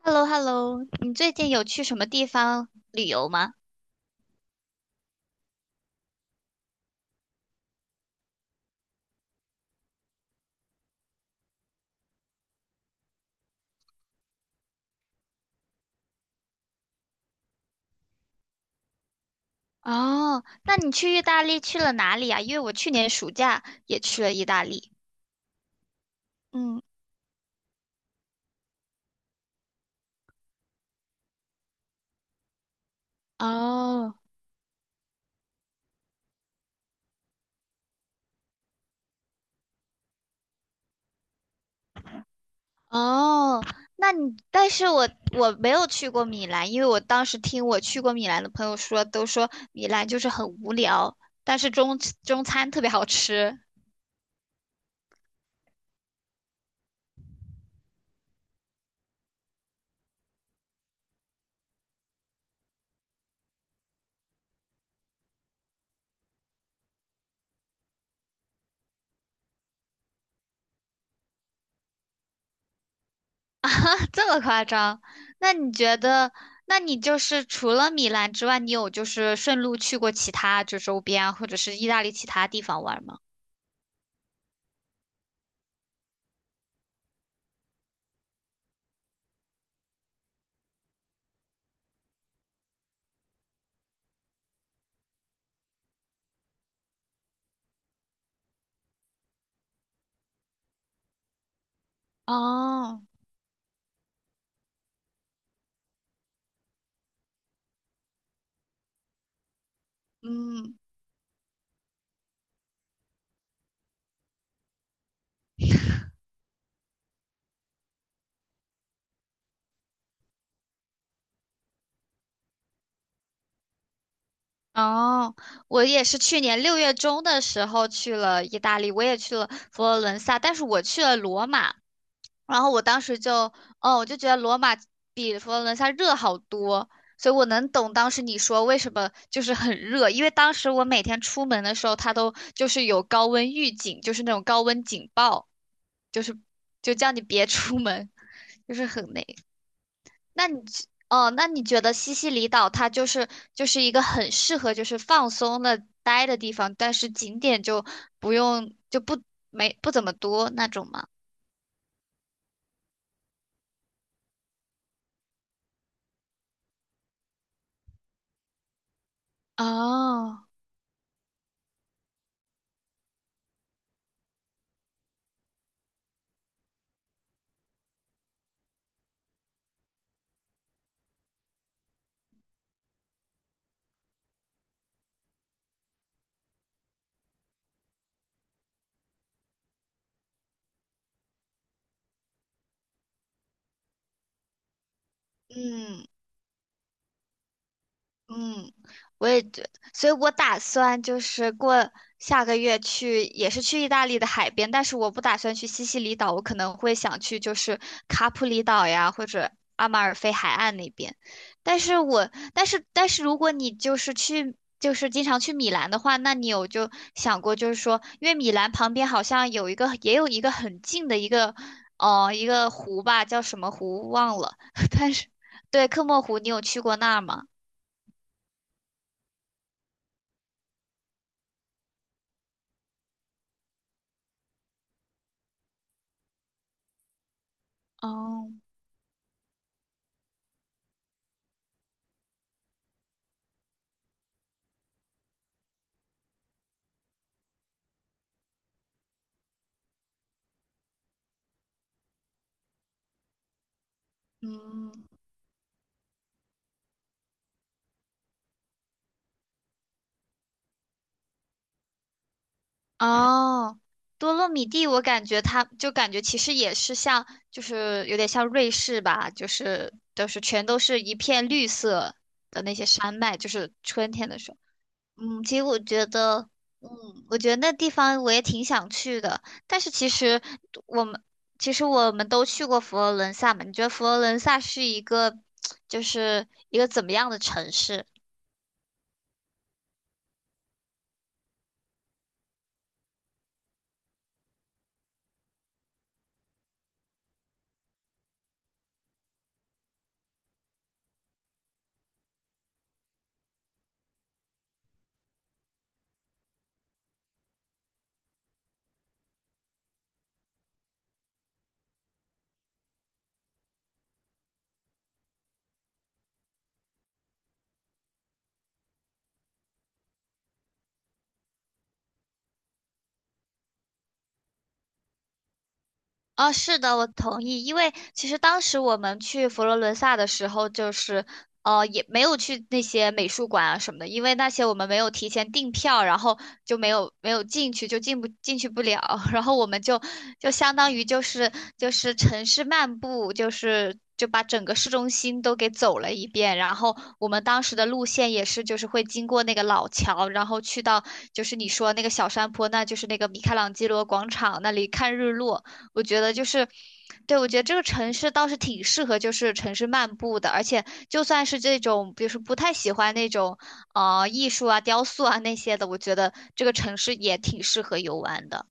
h e l l o h e l l o 你最近有去什么地方旅游吗？哦，那你去意大利去了哪里啊？因为我去年暑假也去了意大利。嗯，哦哦，那你，但是我没有去过米兰，因为我当时听我去过米兰的朋友说，都说米兰就是很无聊，但是中餐特别好吃。这么夸张？那你觉得，那你就是除了米兰之外，你有就是顺路去过其他就周边啊或者是意大利其他地方玩吗？哦，嗯，哦，我也是去年六月中的时候去了意大利，我也去了佛罗伦萨，但是我去了罗马。然后我当时就，哦，我就觉得罗马比佛罗伦萨热好多，所以我能懂当时你说为什么就是很热，因为当时我每天出门的时候，它都就是有高温预警，就是那种高温警报，就是就叫你别出门，就是很那。那你觉哦，那你觉得西西里岛它就是就是一个很适合就是放松的待的地方，但是景点就不用就不没不怎么多那种吗？哦，嗯。嗯，我也觉，所以我打算就是过下个月去，也是去意大利的海边，但是我不打算去西西里岛，我可能会想去就是卡普里岛呀，或者阿马尔菲海岸那边。但是如果你就是去，就是经常去米兰的话，那你有就想过，就是说，因为米兰旁边好像有一个，也有一个很近的一个，哦，一个湖吧，叫什么湖忘了，但是对，科莫湖，你有去过那儿吗？哦，嗯，哦，多洛米蒂，我感觉它就感觉其实也是像，就是有点像瑞士吧，就是都是全都是一片绿色的那些山脉，就是春天的时候。嗯，其实我觉得，嗯，我觉得那地方我也挺想去的，但是我们其实我们都去过佛罗伦萨嘛，你觉得佛罗伦萨是一个就是一个怎么样的城市？哦，是的，我同意。因为其实当时我们去佛罗伦萨的时候，就是也没有去那些美术馆啊什么的，因为那些我们没有提前订票，然后就没有进去，就进去不了。然后我们就就相当于就是就是城市漫步，就是就把整个市中心都给走了一遍。然后我们当时的路线也是，就是会经过那个老桥，然后去到就是你说那个小山坡，那就是那个米开朗基罗广场那里看日落。我觉得就是，对，我觉得这个城市倒是挺适合就是城市漫步的，而且就算是这种，比如说不太喜欢那种啊艺术啊、雕塑啊那些的，我觉得这个城市也挺适合游玩的。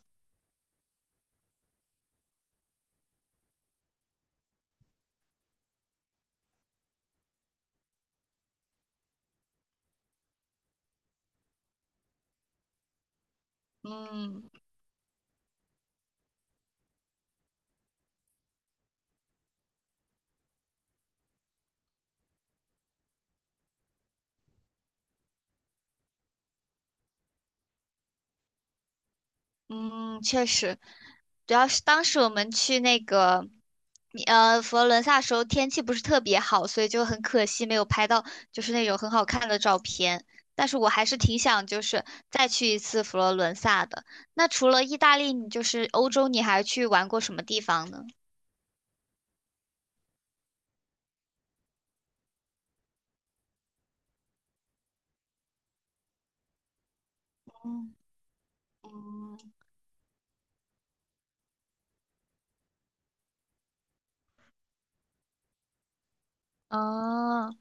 嗯。嗯，确实，主要是当时我们去那个，佛罗伦萨时候天气不是特别好，所以就很可惜没有拍到就是那种很好看的照片。但是我还是挺想就是再去一次佛罗伦萨的。那除了意大利，你就是欧洲，你还去玩过什么地方呢？嗯嗯，哦。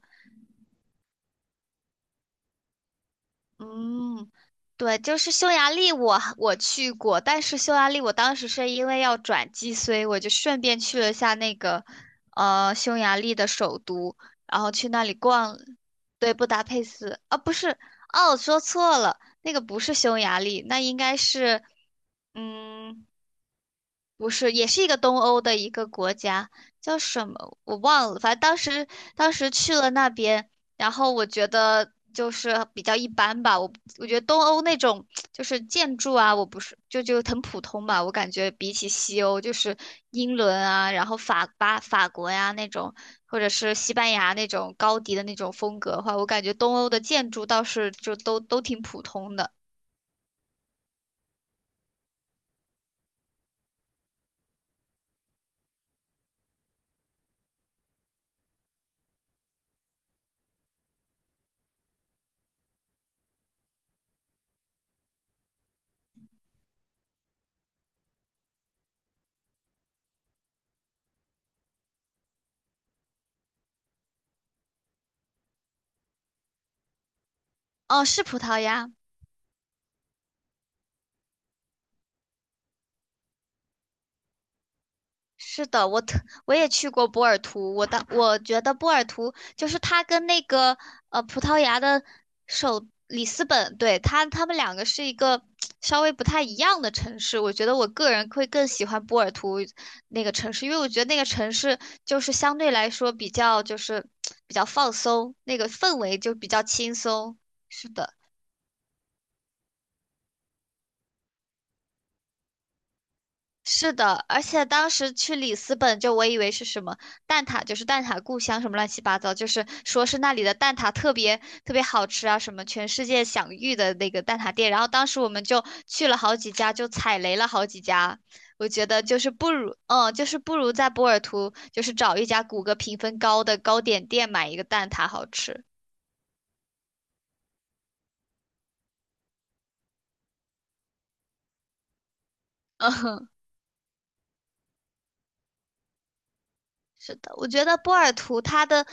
嗯，对，就是匈牙利我去过，但是匈牙利我当时是因为要转机，所以我就顺便去了下那个匈牙利的首都，然后去那里逛，对，布达佩斯啊，不是，哦，我说错了，那个不是匈牙利，那应该是嗯。不是，也是一个东欧的一个国家，叫什么我忘了。反正当时去了那边，然后我觉得就是比较一般吧。我觉得东欧那种就是建筑啊，我不是就很普通吧。我感觉比起西欧，就是英伦啊，然后法国呀、那种，或者是西班牙那种高迪的那种风格的话，我感觉东欧的建筑倒是就都挺普通的。哦，是葡萄牙。是的，我也去过波尔图，我觉得波尔图就是它跟那个葡萄牙的首里斯本，对，它们两个是一个稍微不太一样的城市。我觉得我个人会更喜欢波尔图那个城市，因为我觉得那个城市就是相对来说比较就是比较放松，那个氛围就比较轻松。是的。是的，而且当时去里斯本，就我以为是什么蛋挞，就是蛋挞故乡什么乱七八糟，就是说是那里的蛋挞特别特别好吃啊，什么全世界享誉的那个蛋挞店。然后当时我们就去了好几家，就踩雷了好几家。我觉得就是不如，嗯，就是不如在波尔图，就是找一家谷歌评分高的糕点店买一个蛋挞好吃。是的，我觉得波尔图它的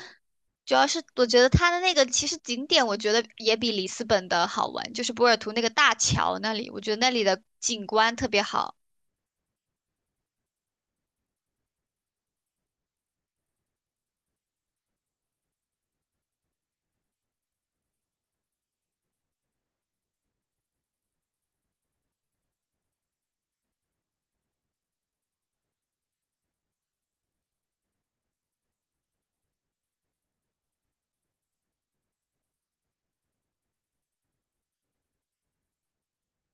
主要是，我觉得它的那个其实景点，我觉得也比里斯本的好玩，就是波尔图那个大桥那里，我觉得那里的景观特别好。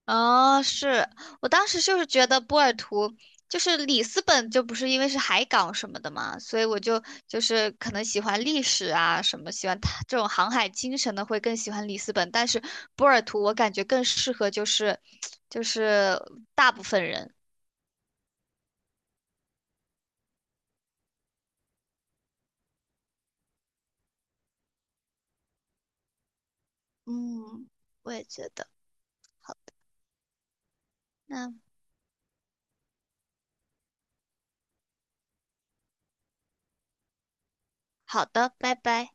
哦，我当时就是觉得波尔图就是里斯本，就不是因为是海港什么的嘛，所以我就是可能喜欢历史啊什么，喜欢它这种航海精神的会更喜欢里斯本，但是波尔图我感觉更适合就是 就是大部分人。嗯，我也觉得。好，那好的，拜拜。